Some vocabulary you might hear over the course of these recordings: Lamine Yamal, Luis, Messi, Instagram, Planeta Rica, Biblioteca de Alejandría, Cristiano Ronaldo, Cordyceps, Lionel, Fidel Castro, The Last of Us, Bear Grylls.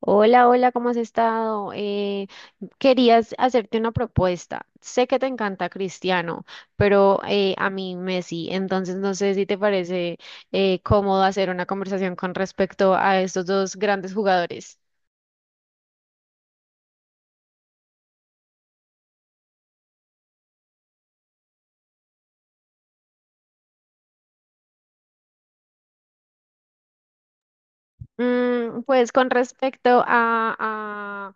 Hola, hola, ¿cómo has estado? Querías hacerte una propuesta. Sé que te encanta Cristiano, pero a mí Messi, entonces no sé si te parece cómodo hacer una conversación con respecto a estos dos grandes jugadores. Pues con respecto a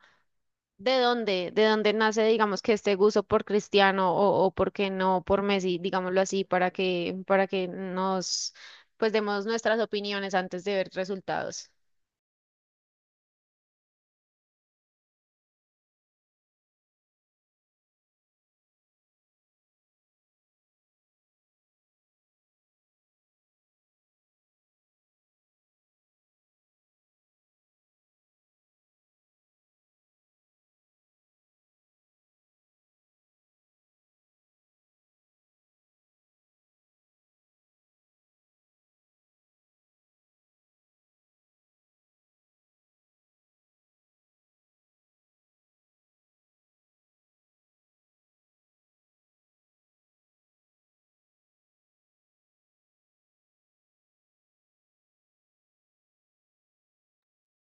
de dónde nace, digamos, que este gusto por Cristiano o por qué no por Messi, digámoslo así, para que nos pues demos nuestras opiniones antes de ver resultados.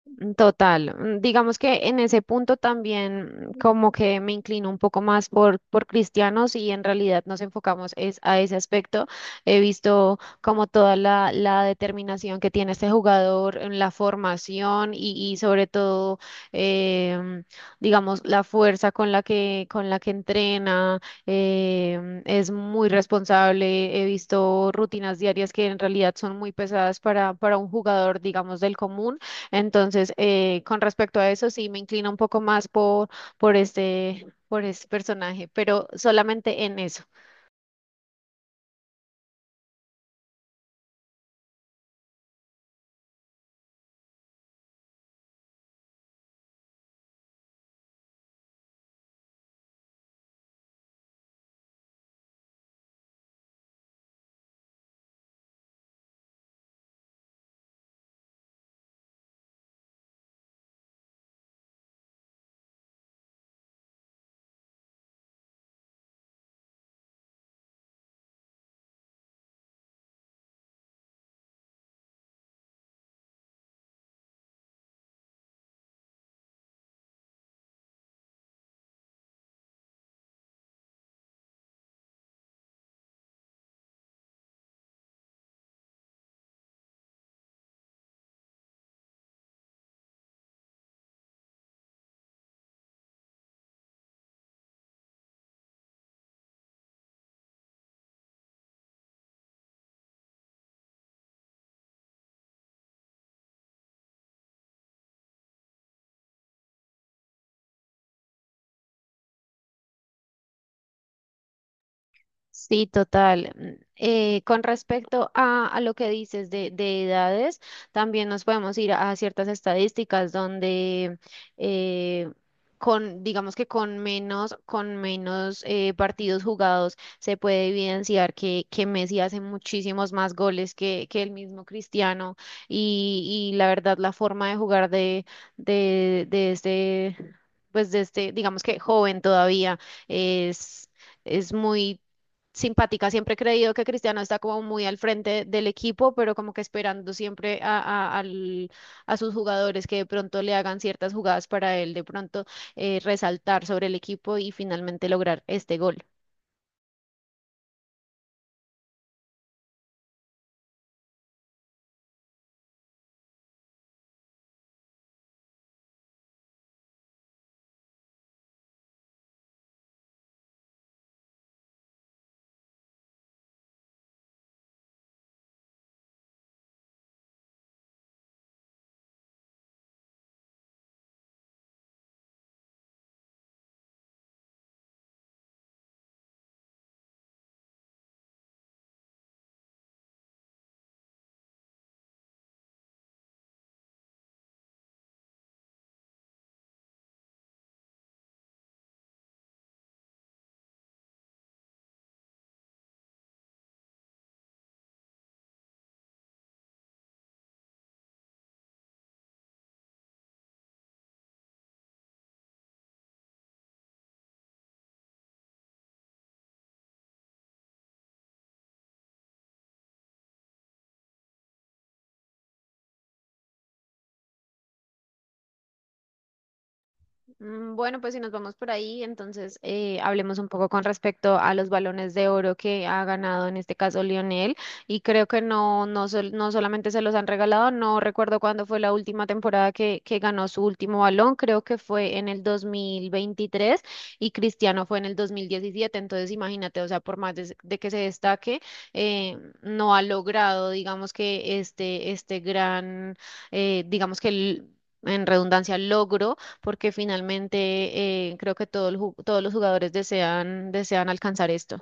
Total, digamos que en ese punto también como que me inclino un poco más por cristianos y en realidad nos enfocamos es a ese aspecto. He visto como toda la determinación que tiene este jugador en la formación y sobre todo, em, digamos, la fuerza con la que entrena, es muy responsable. He visto rutinas diarias que en realidad son muy pesadas para un jugador, digamos, del común. Entonces, con respecto a eso, sí me inclino un poco más por este personaje, pero solamente en eso. Sí, total. Con respecto a lo que dices de edades, también nos podemos ir a ciertas estadísticas donde eh, digamos que con menos partidos jugados se puede evidenciar que Messi hace muchísimos más goles que el mismo Cristiano y la verdad la forma de jugar de, de este, de este, digamos que joven todavía es muy simpática. Siempre he creído que Cristiano está como muy al frente del equipo, pero como que esperando siempre a sus jugadores que de pronto le hagan ciertas jugadas para él de pronto resaltar sobre el equipo y finalmente lograr este gol. Bueno, pues si nos vamos por ahí, entonces hablemos un poco con respecto a los balones de oro que ha ganado en este caso Lionel. Y creo que no solamente se los han regalado, no recuerdo cuándo fue la última temporada que ganó su último balón, creo que fue en el 2023 y Cristiano fue en el 2017. Entonces imagínate, o sea, por más de que se destaque, no ha logrado, digamos que este gran, eh, digamos que... el- en redundancia, logro, porque finalmente creo que todos los jugadores desean, desean alcanzar esto.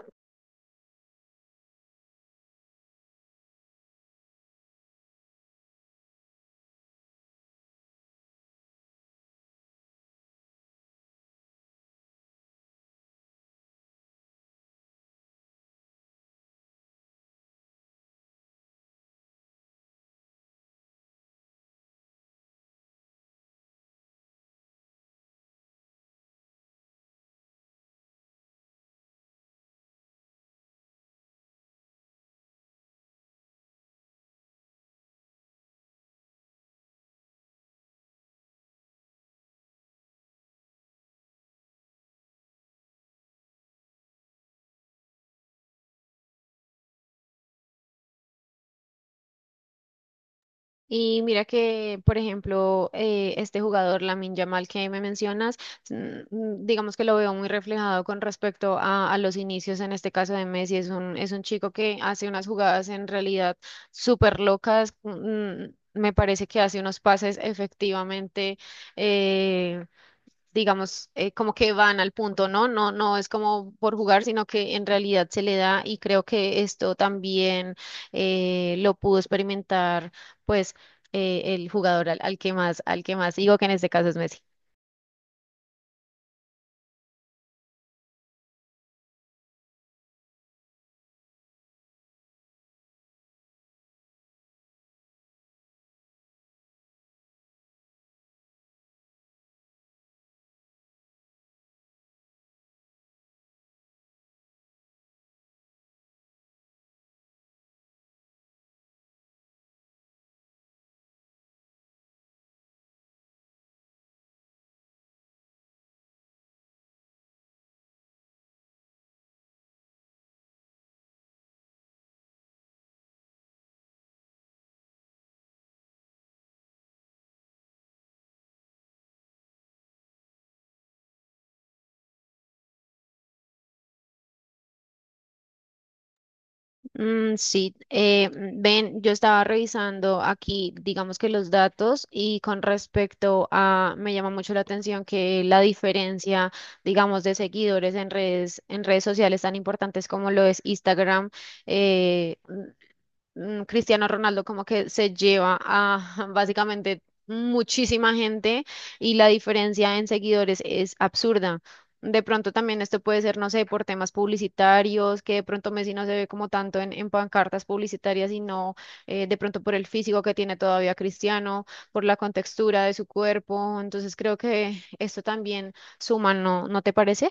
Y mira que, por ejemplo, este jugador, Lamine Yamal, que me mencionas, mm, digamos que lo veo muy reflejado con respecto a los inicios, en este caso de Messi. Es un chico que hace unas jugadas en realidad súper locas. Me parece que hace unos pases efectivamente eh, digamos, como que van al punto, ¿no? No es como por jugar, sino que en realidad se le da y creo que esto también lo pudo experimentar, pues, el jugador al que más digo que en este caso es Messi. Sí, ven, yo estaba revisando aquí, digamos que los datos y con respecto a, me llama mucho la atención que la diferencia, digamos, de seguidores en redes sociales tan importantes como lo es Instagram, eh, Cristiano Ronaldo como que se lleva a básicamente muchísima gente y la diferencia en seguidores es absurda. De pronto también esto puede ser, no sé, por temas publicitarios, que de pronto Messi no se ve como tanto en pancartas publicitarias, sino de pronto por el físico que tiene todavía Cristiano, por la contextura de su cuerpo. Entonces creo que esto también suma, ¿no? ¿No te parece?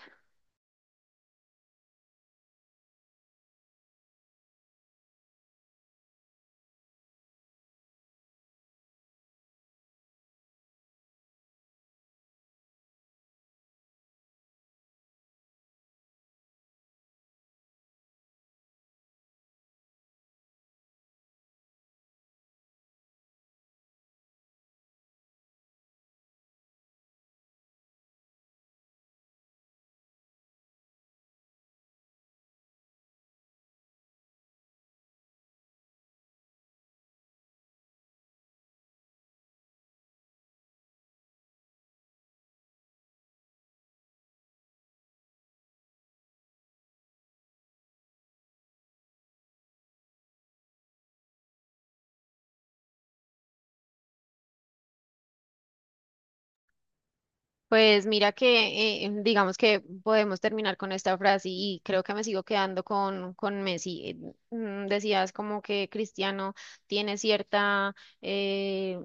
Pues mira que digamos que podemos terminar con esta frase y creo que me sigo quedando con Messi. Decías como que Cristiano tiene cierta eh,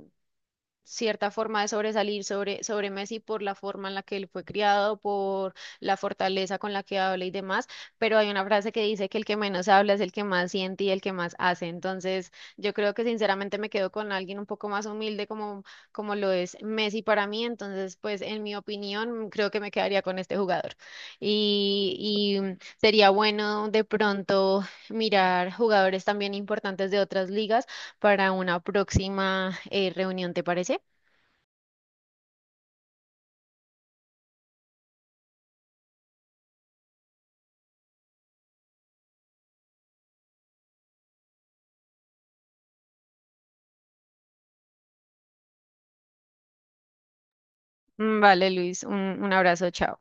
cierta forma de sobresalir sobre Messi por la forma en la que él fue criado, por la fortaleza con la que habla y demás, pero hay una frase que dice que el que menos habla es el que más siente y el que más hace. Entonces, yo creo que sinceramente me quedo con alguien un poco más humilde como, como lo es Messi para mí. Entonces, pues en mi opinión, creo que me quedaría con este jugador. Y sería bueno de pronto mirar jugadores también importantes de otras ligas para una próxima reunión, ¿te parece? Vale, Luis, un abrazo, chao.